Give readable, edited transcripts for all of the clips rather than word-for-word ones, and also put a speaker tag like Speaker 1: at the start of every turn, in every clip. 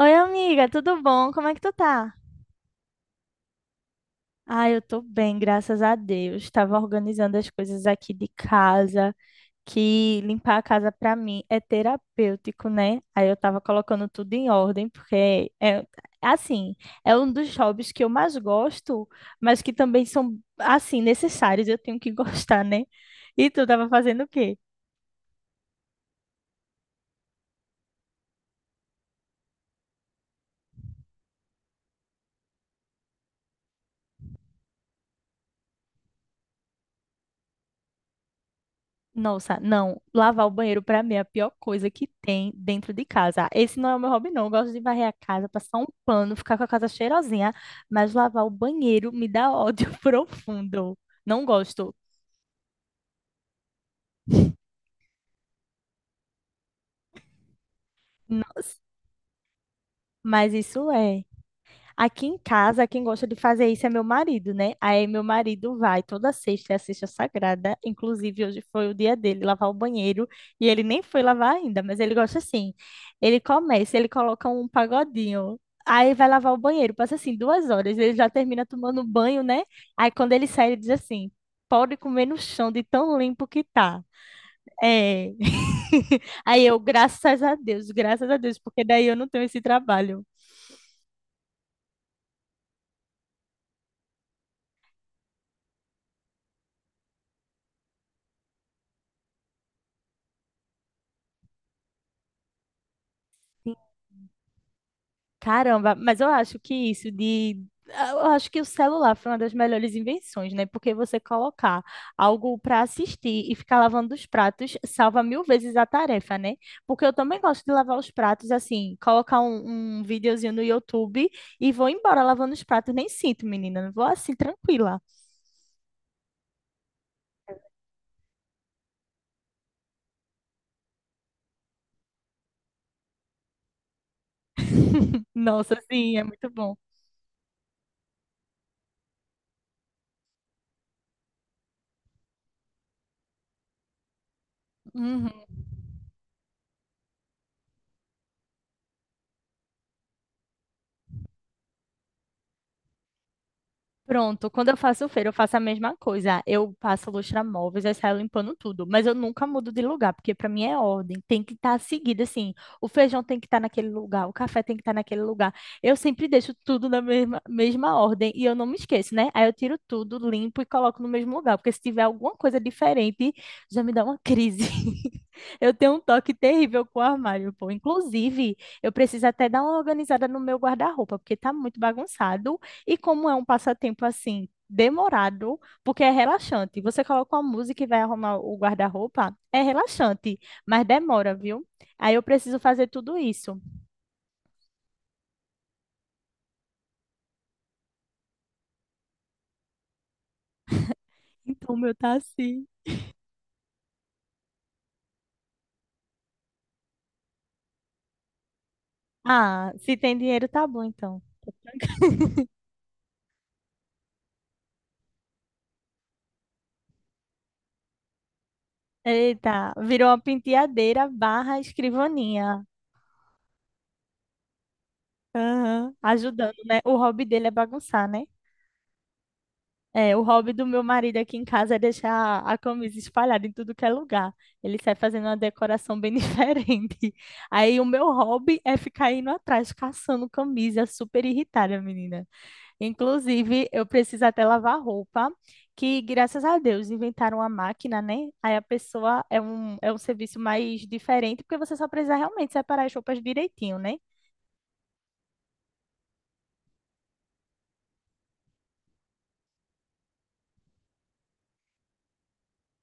Speaker 1: Oi, amiga, tudo bom? Como é que tu tá? Ah, eu tô bem, graças a Deus. Tava organizando as coisas aqui de casa, que limpar a casa pra mim é terapêutico, né? Aí eu tava colocando tudo em ordem, porque é assim, é um dos hobbies que eu mais gosto, mas que também são assim necessários, eu tenho que gostar, né? E tu tava fazendo o quê? Nossa, não. Lavar o banheiro pra mim é a pior coisa que tem dentro de casa. Esse não é o meu hobby, não. Eu gosto de varrer a casa, passar um pano, ficar com a casa cheirosinha, mas lavar o banheiro me dá ódio profundo. Não gosto. Nossa, mas isso é. Aqui em casa, quem gosta de fazer isso é meu marido, né? Aí meu marido vai toda sexta, é a sexta sagrada. Inclusive, hoje foi o dia dele lavar o banheiro e ele nem foi lavar ainda, mas ele gosta assim. Ele começa, ele coloca um pagodinho. Aí vai lavar o banheiro, passa assim duas horas, ele já termina tomando banho, né? Aí quando ele sai, ele diz assim: pode comer no chão de tão limpo que tá. É. Aí eu, graças a Deus, porque daí eu não tenho esse trabalho. Caramba, mas eu acho que isso de. Eu acho que o celular foi uma das melhores invenções, né? Porque você colocar algo para assistir e ficar lavando os pratos salva mil vezes a tarefa, né? Porque eu também gosto de lavar os pratos assim, colocar um videozinho no YouTube e vou embora lavando os pratos. Nem sinto, menina, vou assim, tranquila. Nossa, sim, é muito bom. Uhum. Pronto, quando eu faço feira, eu faço a mesma coisa. Eu passo lustramóveis, aí saio limpando tudo. Mas eu nunca mudo de lugar, porque para mim é ordem. Tem que estar seguido, assim. O feijão tem que estar naquele lugar, o café tem que estar naquele lugar. Eu sempre deixo tudo na mesma ordem e eu não me esqueço, né? Aí eu tiro tudo, limpo e coloco no mesmo lugar, porque se tiver alguma coisa diferente, já me dá uma crise. Eu tenho um toque terrível com o armário, pô. Inclusive, eu preciso até dar uma organizada no meu guarda-roupa, porque tá muito bagunçado. E como é um passatempo assim, demorado, porque é relaxante. Você coloca uma música e vai arrumar o guarda-roupa, é relaxante, mas demora, viu? Aí eu preciso fazer tudo isso. Então, o meu tá assim. Ah, se tem dinheiro, tá bom, então. Eita, virou uma penteadeira barra escrivaninha. Aham, ajudando, né? O hobby dele é bagunçar, né? É, o hobby do meu marido aqui em casa é deixar a camisa espalhada em tudo que é lugar. Ele sai fazendo uma decoração bem diferente. Aí o meu hobby é ficar indo atrás, caçando camisa, super irritada, menina. Inclusive, eu preciso até lavar roupa, que graças a Deus inventaram a máquina, né? Aí a pessoa é é um serviço mais diferente, porque você só precisa realmente separar as roupas direitinho, né?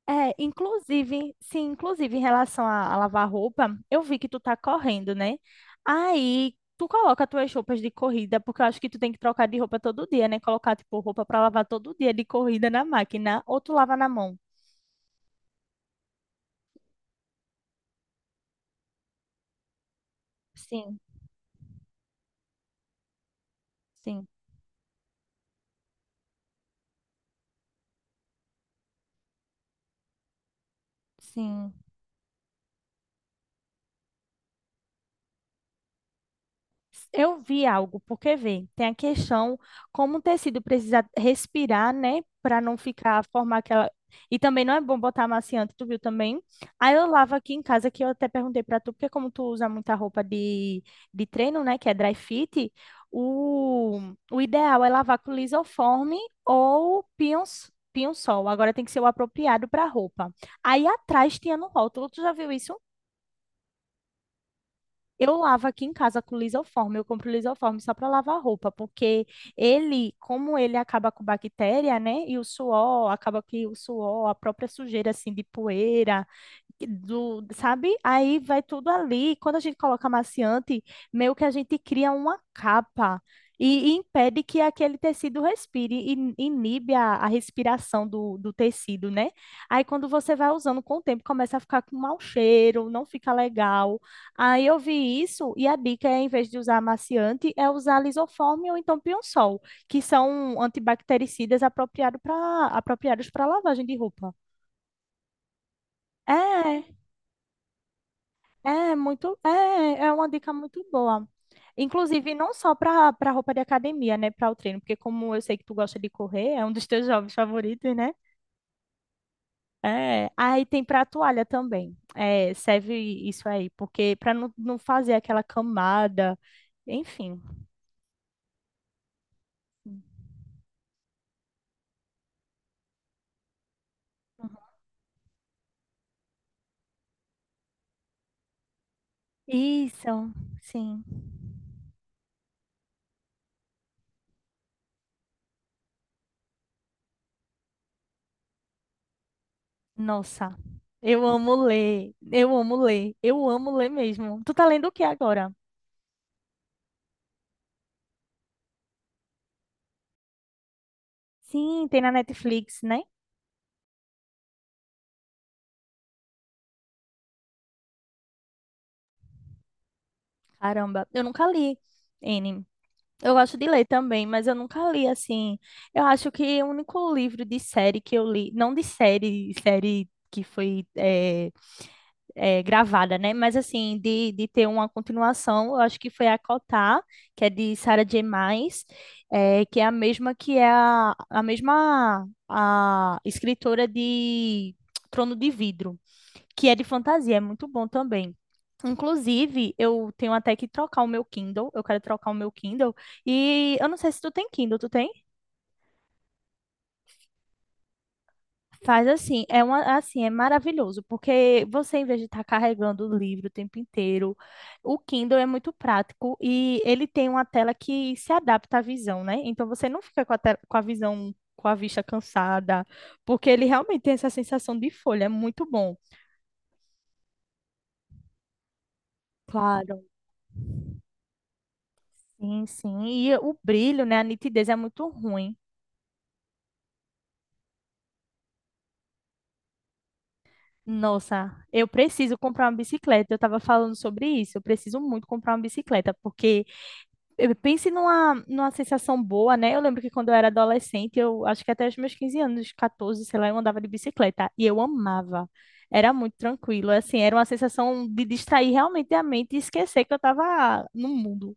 Speaker 1: É, inclusive, sim, inclusive em relação a lavar roupa, eu vi que tu tá correndo, né? Aí tu coloca tuas roupas de corrida, porque eu acho que tu tem que trocar de roupa todo dia, né? Colocar, tipo, roupa pra lavar todo dia de corrida na máquina, ou tu lava na mão. Sim, sim, sim. Eu vi algo, porque vê, tem a questão como o tecido precisa respirar, né, para não ficar, formar aquela. E também não é bom botar amaciante, tu viu também? Aí eu lavo aqui em casa, que eu até perguntei para tu, porque como tu usa muita roupa de treino, né, que é dry fit, o, o ideal é lavar com lisoforme ou pinho-sol. Agora tem que ser o apropriado para roupa. Aí atrás tinha no rótulo, tu já viu isso? Eu lavo aqui em casa com lisoforme, eu compro lisoforme só para lavar roupa, porque ele, como ele acaba com bactéria, né? E o suor, acaba que o suor, a própria sujeira assim de poeira, do, sabe? Aí vai tudo ali. Quando a gente coloca amaciante, meio que a gente cria uma capa e impede que aquele tecido respire, e inibe a respiração do tecido, né? Aí quando você vai usando com o tempo, começa a ficar com mau cheiro, não fica legal. Aí eu vi isso, e a dica é, em vez de usar amaciante, é usar lisoforme ou então pião-sol, que são antibactericidas apropriados para lavagem de roupa. É, é uma dica muito boa. Inclusive, não só para roupa de academia, né, para o treino, porque como eu sei que tu gosta de correr, é um dos teus jogos favoritos, né? É, aí tem para toalha também. É, serve isso aí, porque para não fazer aquela camada, enfim. Isso, sim. Nossa, eu amo ler, eu amo ler, eu amo ler mesmo. Tu tá lendo o que agora? Sim, tem na Netflix, né? Caramba, eu nunca li. Eu gosto de ler também, mas eu nunca li assim. Eu acho que o único livro de série que eu li, não de série, série que foi gravada, né? Mas assim, de ter uma continuação, eu acho que foi a Cotar, que é de Sarah J. Maas, que é a mesma que é a mesma a escritora de Trono de Vidro que é de fantasia, é muito bom também. Inclusive, eu tenho até que trocar o meu Kindle, eu quero trocar o meu Kindle, e eu não sei se tu tem Kindle, tu tem? Faz assim, é uma, assim, é maravilhoso, porque você, em vez de estar carregando o livro o tempo inteiro, o Kindle é muito prático e ele tem uma tela que se adapta à visão, né? Então você não fica com com a visão, com a vista cansada, porque ele realmente tem essa sensação de folha, é muito bom. Claro. Sim, sim. E o brilho, né? A nitidez é muito ruim. Nossa, eu preciso comprar uma bicicleta. Eu estava falando sobre isso. Eu preciso muito comprar uma bicicleta, porque eu pense numa sensação boa, né? Eu lembro que quando eu era adolescente, eu acho que até os meus 15 anos, 14, sei lá, eu andava de bicicleta e eu amava. Era muito tranquilo, assim, era uma sensação de distrair realmente a mente e esquecer que eu estava no mundo.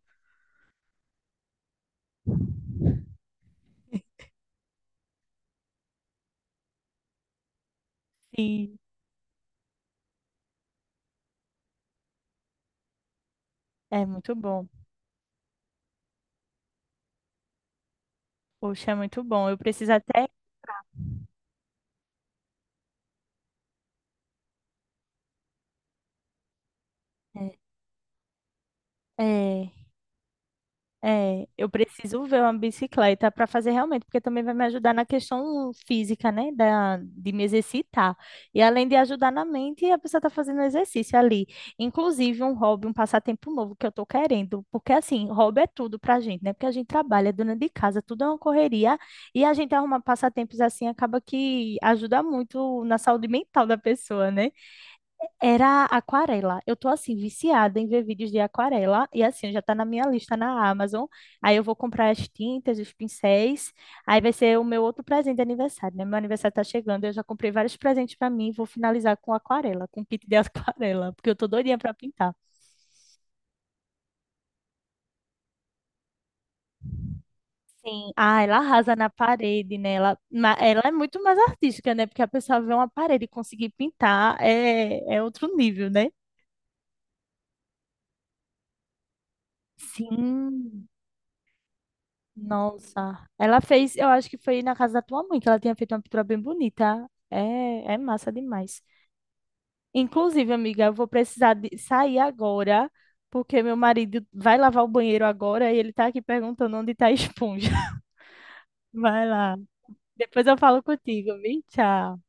Speaker 1: E é muito bom. Poxa, é muito bom. Eu preciso até. É. É. É, eu preciso ver uma bicicleta para fazer realmente, porque também vai me ajudar na questão física, né, da, de me exercitar. E além de ajudar na mente, a pessoa está fazendo exercício ali. Inclusive um hobby, um passatempo novo que eu estou querendo, porque assim, hobby é tudo para a gente, né? Porque a gente trabalha, é dona de casa, tudo é uma correria, e a gente arrumar passatempos assim acaba que ajuda muito na saúde mental da pessoa, né? Era aquarela. Eu tô assim, viciada em ver vídeos de aquarela. E assim, já tá na minha lista na Amazon. Aí eu vou comprar as tintas, os pincéis. Aí vai ser o meu outro presente de aniversário, né? Meu aniversário tá chegando. Eu já comprei vários presentes pra mim. Vou finalizar com aquarela, com kit de aquarela, porque eu tô doidinha pra pintar. Sim. Ah, ela arrasa na parede, né? Ela, ma- ela é muito mais artística, né? Porque a pessoa vê uma parede e conseguir pintar é, é outro nível, né? Sim. Nossa, ela fez, eu acho que foi na casa da tua mãe que ela tinha feito uma pintura bem bonita. É, é massa demais. Inclusive, amiga, eu vou precisar de sair agora, porque meu marido vai lavar o banheiro agora e ele tá aqui perguntando onde tá a esponja. Vai lá. Depois eu falo contigo, viu? Tchau.